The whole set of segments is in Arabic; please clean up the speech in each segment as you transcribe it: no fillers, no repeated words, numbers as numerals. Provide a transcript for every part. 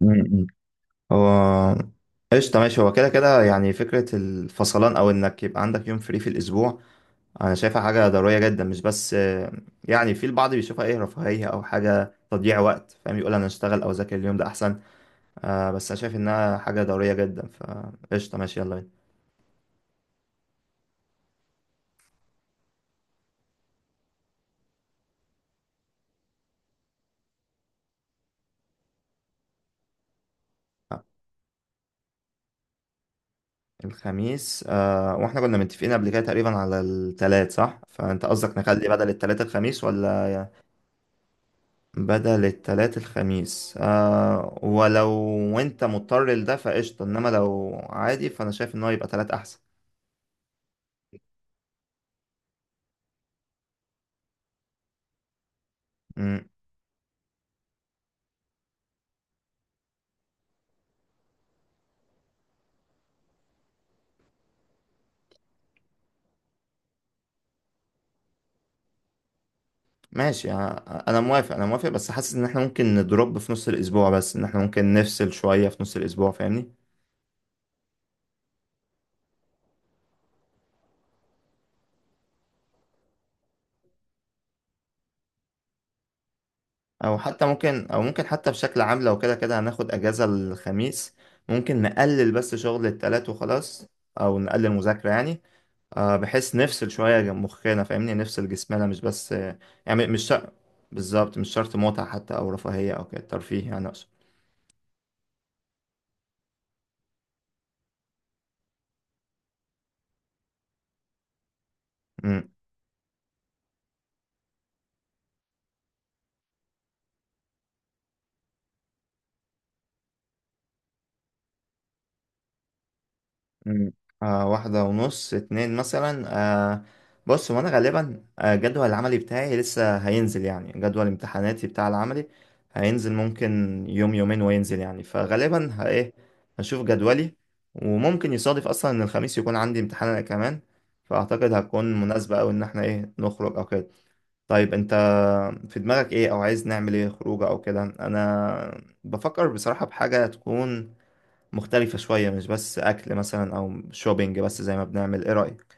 م-م. هو قشطة ماشي، هو كده كده يعني فكرة الفصلان أو إنك يبقى عندك يوم فري في الأسبوع. أنا شايفها حاجة ضرورية جدا، مش بس يعني في البعض بيشوفها، إيه، رفاهية أو حاجة تضييع وقت، فاهم، يقول أنا أشتغل أو أذاكر اليوم ده أحسن. بس أنا شايف إنها حاجة ضرورية جدا، فقشطة ماشي، يلا بينا. آه، الخميس، وإحنا كنا متفقين قبل كده تقريبا على التلات، صح؟ فأنت قصدك نخلي بدل التلات الخميس ولا؟ بدل التلات الخميس، ولو وانت مضطر لده فقشطة، انما لو عادي فانا شايف ان هو يبقى تلات احسن. مم. ماشي، انا موافق، انا موافق، بس حاسس ان احنا ممكن ندروب في نص الاسبوع، بس ان احنا ممكن نفصل شوية في نص الاسبوع، فاهمني. او حتى ممكن او ممكن حتى بشكل عام، لو كده كده هناخد اجازة الخميس، ممكن نقلل بس شغل التلات وخلاص، او نقلل مذاكرة يعني. بحيث نفصل شوية مخنا، فاهمني، نفصل جسمنا مش بس. يعني مش شرط، بالظبط مش شرط متعة حتى أو رفاهية أو كده، ترفيه يعني أقصد. مم. مم. واحدة ونص، اتنين مثلا. آه بص، هو أنا غالبا جدول العملي بتاعي لسه هينزل، يعني جدول امتحاناتي بتاع العملي هينزل ممكن يوم يومين وينزل يعني، فغالبا إيه، هشوف جدولي، وممكن يصادف أصلا إن الخميس يكون عندي امتحان أنا كمان، فأعتقد هتكون مناسبة أوي إن احنا، إيه، نخرج أو كده. طيب انت في دماغك ايه، او عايز نعمل ايه، خروجه او كده؟ انا بفكر بصراحة بحاجة تكون مختلفة شوية، مش بس اكل مثلا او شوبينج بس زي ما بنعمل، ايه رأيك؟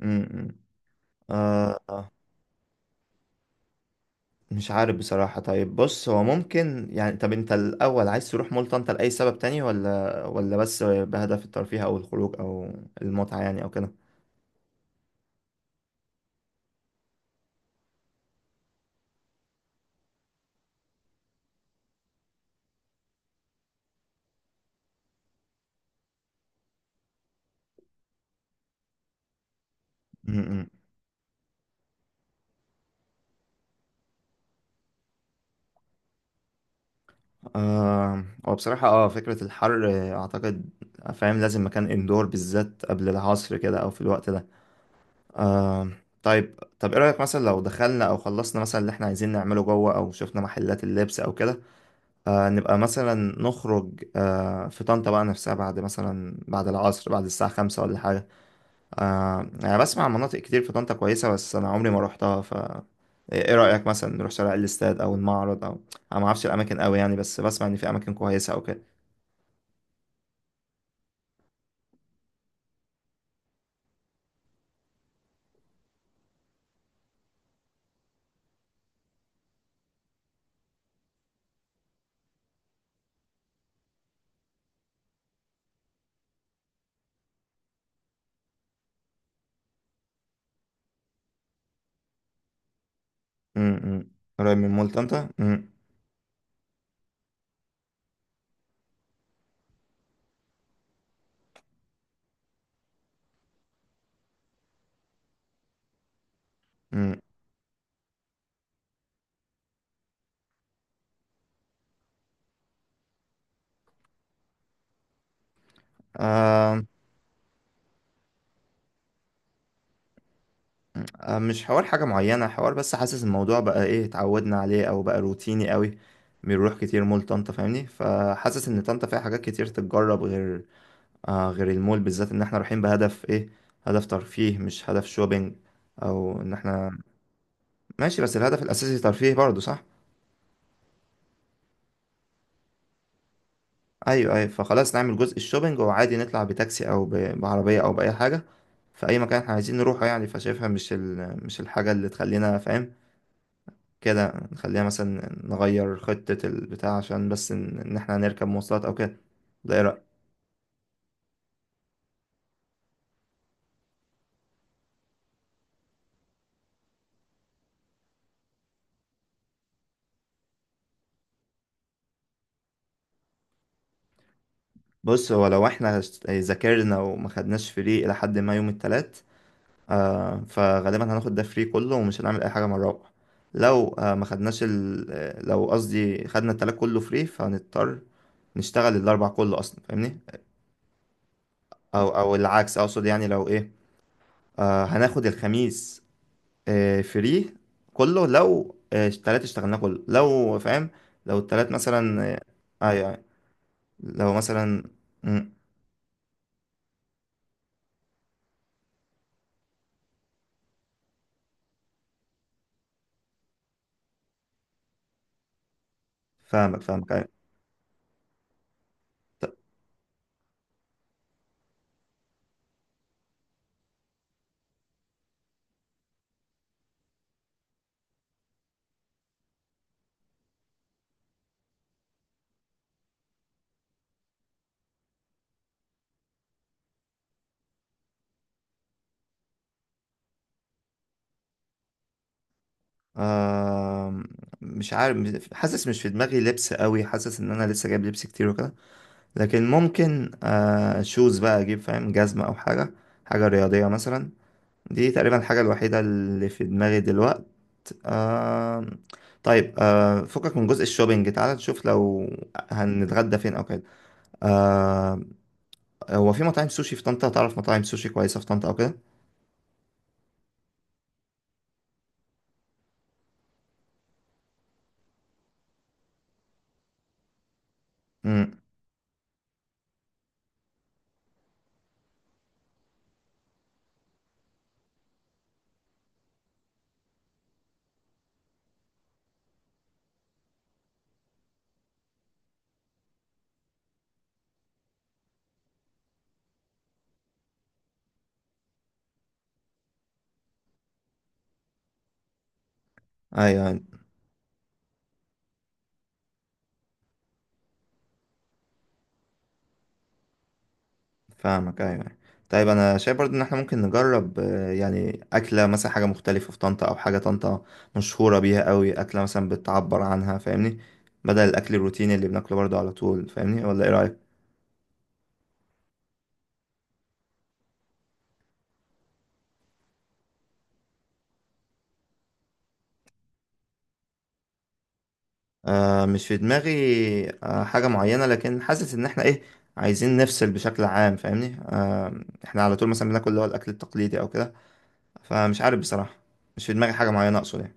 امم آه آه، مش عارف بصراحة. طيب بص، هو ممكن يعني، طب انت الاول عايز تروح مول طنطا لأي سبب تاني ولا بس بهدف الترفيه او الخروج او المتعة يعني او كده؟ هو بصراحة، فكرة الحر، اعتقد فاهم، لازم مكان اندور بالذات قبل العصر كده او في الوقت ده. آه طيب طب ايه رأيك مثلا لو دخلنا او خلصنا مثلا اللي احنا عايزين نعمله جوه، او شفنا محلات اللبس او كده، نبقى مثلا نخرج في طنطا بقى نفسها، بعد مثلا، بعد العصر بعد الساعة 5 ولا حاجة. يعني بسمع عن مناطق كتير في طنطا كويسة، بس انا عمري ما روحتها، ف ايه رأيك مثلا نروح شارع الاستاد او المعرض او؟ انا ما اعرفش الاماكن قوي يعني، بس بسمع ان في اماكن كويسة او كده. امم قريب من مولت انت؟ امم امم آه مش حوار حاجة معينة، حوار بس حاسس الموضوع بقى، ايه، اتعودنا عليه او بقى روتيني قوي، بنروح كتير مول طنطا فاهمني، فحاسس ان طنطا فيها حاجات كتير تتجرب غير المول، بالذات ان احنا رايحين بهدف، ايه، هدف ترفيه مش هدف شوبينج، او ان احنا... ماشي، بس الهدف الاساسي ترفيه برضه، صح؟ ايوه، ايوه، فخلاص نعمل جزء الشوبينج، وعادي نطلع بتاكسي او بعربيه او باي حاجه، في اي مكان احنا عايزين نروحه يعني، فشايفها مش الحاجه اللي تخلينا، فاهم، كده نخليها مثلا نغير خطه البتاع عشان بس ان احنا هنركب مواصلات او كده. ده ايه رايك؟ بص، هو لو احنا ذاكرنا وما خدناش فري الى حد ما يوم التلات، فغالبا هناخد ده فري كله، ومش هنعمل اي حاجه مره رابعه. لو آه ما خدناش ال... آه، لو قصدي خدنا التلات كله فري، فهنضطر نشتغل الاربع كله اصلا فاهمني. او العكس اقصد يعني، لو ايه، هناخد الخميس فري كله، لو التلات اشتغلناه كله، لو فاهم. لو التلات مثلا، ايوه ايوه لو مثلا. مم، فاهمك فاهمك، ايوه. آه مش عارف، حاسس مش في دماغي لبس قوي، حاسس ان انا لسه جايب لبس كتير وكده، لكن ممكن شوز بقى اجيب، فاهم، جزمة او حاجة، حاجة رياضية مثلا. دي تقريبا الحاجة الوحيدة اللي في دماغي دلوقت. آه طيب، فكك من جزء الشوبينج، تعالى نشوف لو هنتغدى فين او كده. آه هو في مطاعم سوشي في طنطا، تعرف مطاعم سوشي كويسة في طنطا او كده؟ امم ايوه، أيوة. فاهمك، ايوه، أيوة. طيب انا شايف برضو ان احنا ممكن نجرب، يعني اكله مثلا، حاجه مختلفه في طنطا او حاجه طنطا مشهوره بيها قوي، اكله مثلا بتعبر عنها فاهمني، بدل الاكل الروتيني اللي بناكله برضو على طول فاهمني، ولا ايه رايك؟ مش في دماغي حاجه معينه، لكن حاسس ان احنا، ايه، عايزين نفصل بشكل عام فاهمني، احنا على طول مثلا بناكل اللي هو الاكل التقليدي او كده، فمش عارف بصراحه، مش في دماغي حاجه معينه اقصد يعني.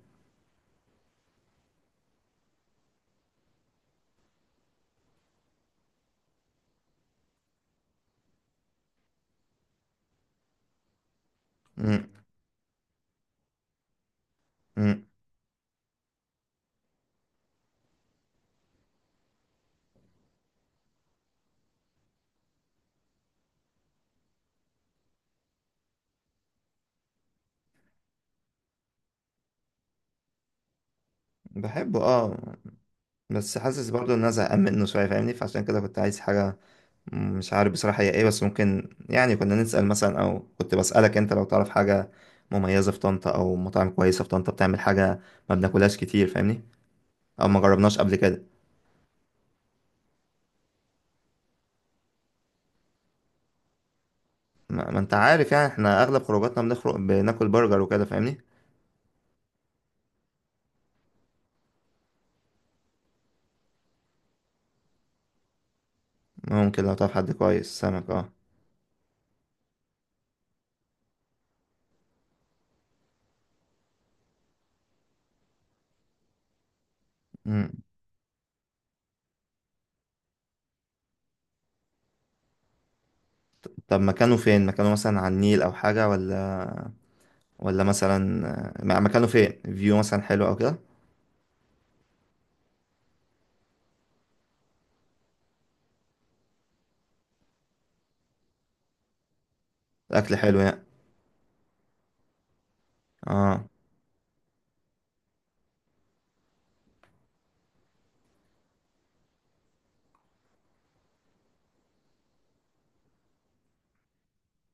م- م- بحبه، اه. بس حاسس برضو ان انا زهقان منه شويه فاهمني، فعشان كده كنت عايز حاجه. مش عارف بصراحه هي ايه، بس ممكن يعني كنا نسال مثلا، او كنت بسالك انت لو تعرف حاجه مميزه في طنطا او مطاعم كويسه في طنطا بتعمل حاجه ما بناكلهاش كتير فاهمني، او ما جربناش قبل كده. ما انت عارف يعني، احنا اغلب خروجاتنا بنخرج بناكل برجر وكده فاهمني. ممكن لو تعرف حد كويس سمك، اه. مم. طب مكانه فين، مكانه مثلا على النيل او حاجه، ولا؟ ولا مثلا، مكانه فين، فيو مثلا حلو او كده؟ اكل حلو يعني، اه.